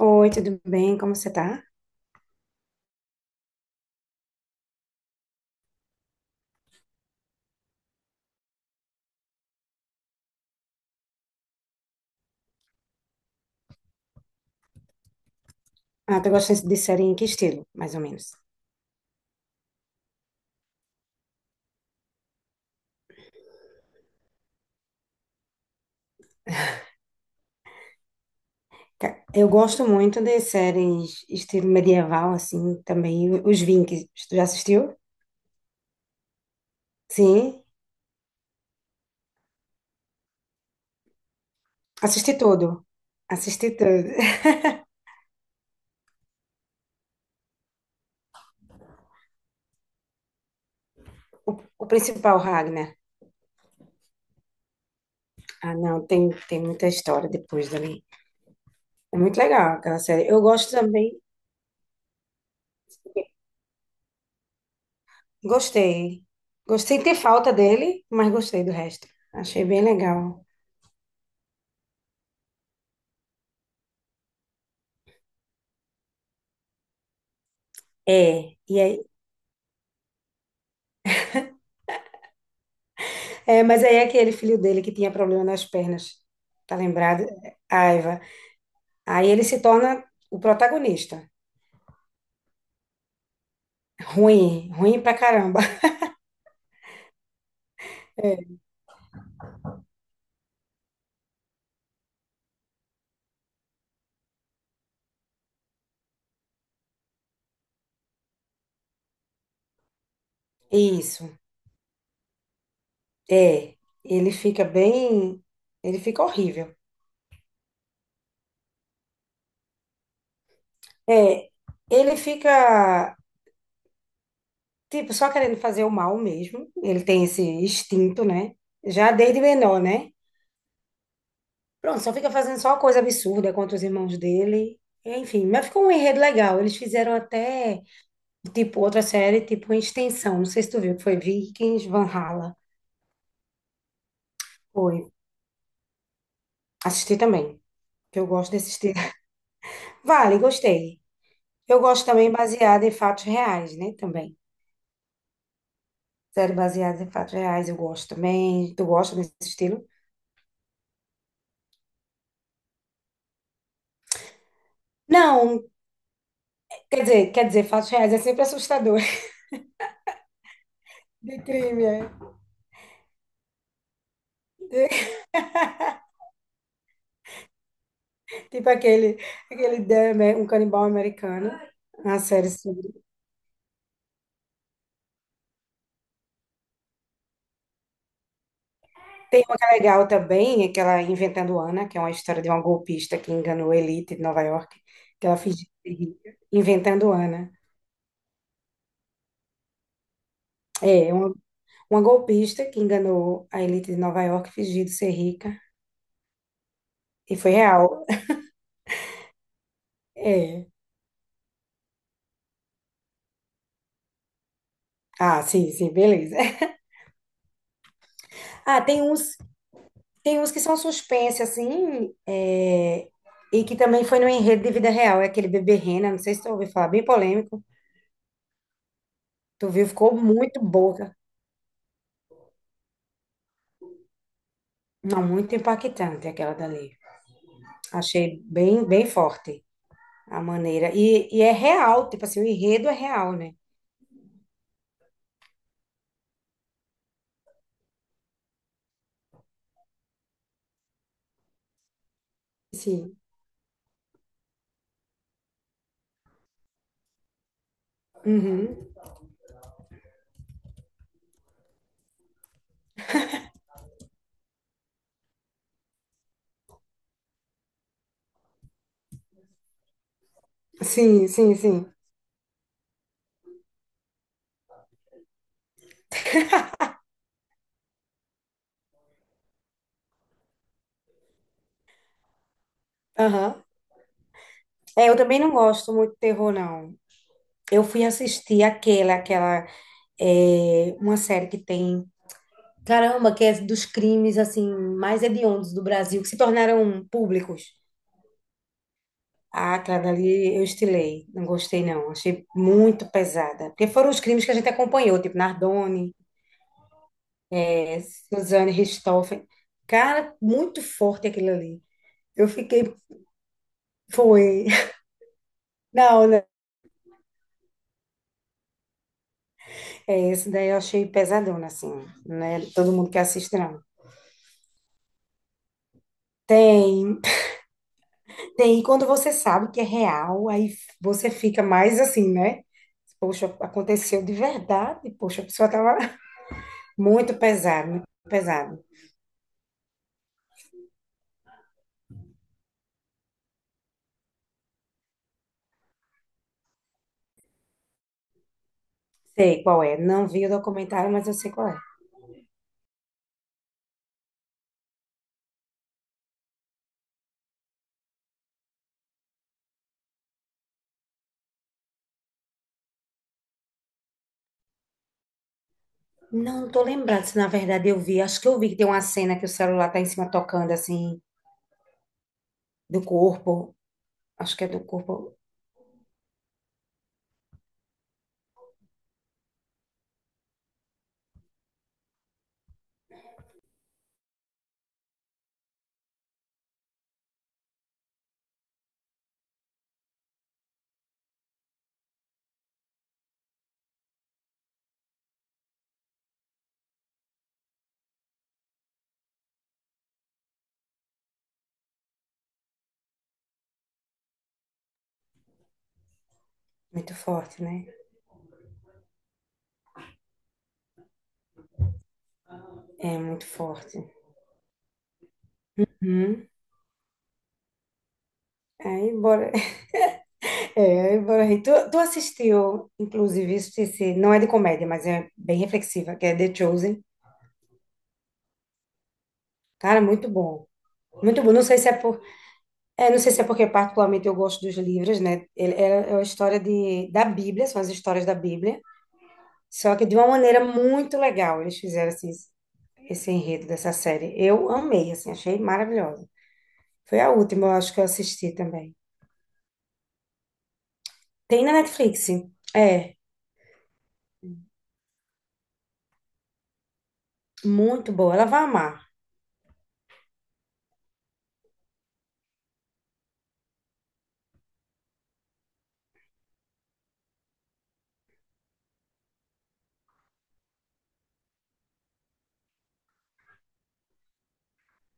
Oi, tudo bem? Como você tá? Ah, tu gosta de série em que estilo, mais ou menos? Eu gosto muito de séries estilo medieval, assim, também os Vikings. Tu já assistiu? Sim, assisti tudo. Assisti tudo. O, o principal, Ragnar. Ah, não, tem muita história depois dali. É muito legal aquela série. Eu gosto também, gostei. Gostei de ter falta dele, mas gostei do resto. Achei bem legal. É, e aí é, mas aí é aquele filho dele que tinha problema nas pernas, tá lembrado? Aiva. Aí ele se torna o protagonista. Ruim, ruim pra caramba. É. Isso, é. Ele fica bem. Ele fica horrível. É, ele fica, tipo, só querendo fazer o mal mesmo. Ele tem esse instinto, né? Já desde menor, né? Pronto, só fica fazendo só coisa absurda contra os irmãos dele. Enfim, mas ficou um enredo legal. Eles fizeram até. Tipo, outra série, tipo, em extensão. Não sei se tu viu, que foi Vikings, Valhalla. Foi. Assisti também, que eu gosto de assistir. Vale, gostei. Eu gosto também baseada em fatos reais, né? Também. Série baseada em fatos reais, eu gosto também. Tu gosta desse estilo? Não, quer dizer, fatos reais é sempre assustador. De crime, é. Tipo aquele, aquele um canibal americano. A série tem uma que é legal também, aquela Inventando Ana, que é uma história de uma golpista que enganou a elite de Nova York, que ela fingiu ser rica. Inventando Ana. É, uma golpista que enganou a elite de Nova York fingindo ser rica. E foi real. É. Ah, sim, sim, beleza. Ah, tem uns que são suspense, assim, é, e que também foi no enredo de vida real. É aquele Bebê Rena, não sei se tu ouviu falar, bem polêmico. Tu viu, ficou muito boa. Não, muito impactante aquela dali. Achei bem, bem forte a maneira. E é real, tipo assim, o enredo é real, né? Sim. Uhum. Sim, sim, sim. Aham. É, eu também não gosto muito de terror, não. Eu fui assistir uma série que tem, caramba, que é dos crimes, assim, mais hediondos do Brasil, que se tornaram públicos. Ah, aquela dali eu estilei, não gostei, não. Achei muito pesada. Porque foram os crimes que a gente acompanhou, tipo Nardone, é, Suzane Richthofen. Cara, muito forte aquilo ali. Eu fiquei, foi. Não, né? É, esse daí eu achei pesadona, assim, né? Todo mundo que assiste, não. Tem, tem, quando você sabe que é real, aí você fica mais assim, né? Poxa, aconteceu de verdade, poxa, a pessoa tava muito pesado, muito pesado. Sei qual é, não vi o documentário, mas eu sei qual é. Não, não tô lembrando se na verdade eu vi, acho que eu vi que tem uma cena que o celular tá em cima tocando, assim, do corpo. Acho que é do corpo muito forte, né? É muito forte. Hum. Aí, bora. É, bora rir. Tu assistiu, inclusive, não é de comédia, mas é bem reflexiva, que é The Chosen. Cara, muito bom. Muito bom. Não sei se é é, não sei se é porque particularmente eu gosto dos livros, né? Ele é a história de, da Bíblia, são as histórias da Bíblia, só que de uma maneira muito legal. Eles fizeram assim, esse enredo dessa série. Eu amei, assim, achei maravilhosa. Foi a última, eu acho que eu assisti também. Tem na Netflix. É, muito boa. Ela vai amar.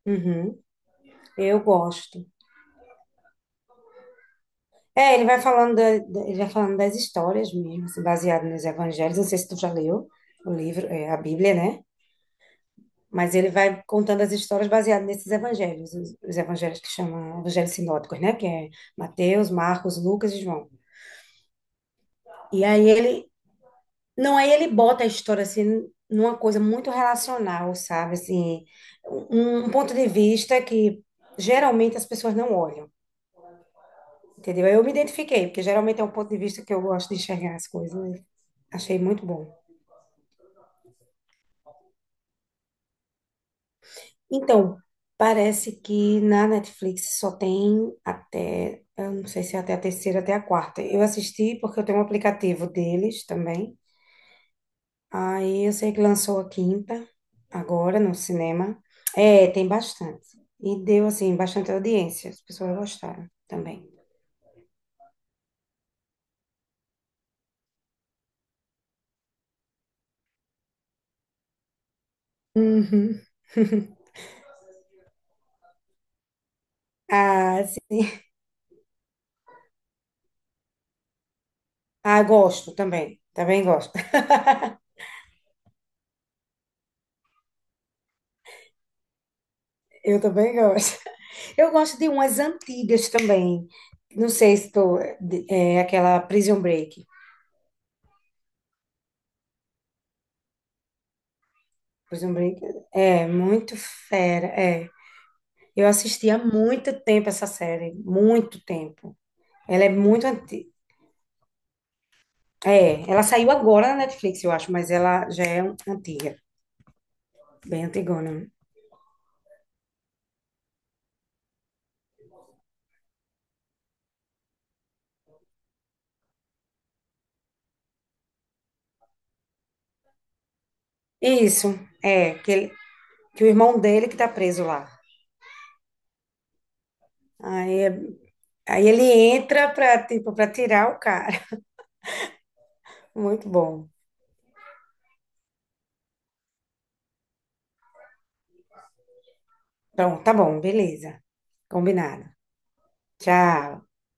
Uhum, eu gosto. É, ele vai falando, ele vai falando das histórias mesmo, assim, baseado nos evangelhos. Não sei se tu já leu o livro, é, a Bíblia, né? Mas ele vai contando as histórias baseadas nesses evangelhos, os evangelhos que chamam evangelhos sinóticos, né? Que é Mateus, Marcos, Lucas e João. E aí ele, não, aí ele bota a história assim numa coisa muito relacional, sabe? Assim, um ponto de vista que geralmente as pessoas não olham, entendeu? Eu me identifiquei, porque geralmente é um ponto de vista que eu gosto de enxergar as coisas, né? Achei muito bom. Então, parece que na Netflix só tem até, eu não sei se é até a terceira, até a quarta. Eu assisti porque eu tenho um aplicativo deles também. Aí eu sei que lançou a quinta, agora no cinema. É, tem bastante. E deu, assim, bastante audiência. As pessoas gostaram também. Uhum. Ah, sim. Ah, gosto também. Também gosto. Eu também gosto. Eu gosto de umas antigas também. Não sei se tu. É aquela Prison Break. Prison Break é muito fera. É. Eu assisti há muito tempo essa série. Muito tempo. Ela é muito antiga. É, ela saiu agora na Netflix, eu acho, mas ela já é antiga, bem antigona. Isso, é, que o irmão dele que tá preso lá. Aí, é- aí ele entra pra, tipo, pra tirar o cara. Muito bom. Pronto, tá bom, beleza. Combinado. Tchau.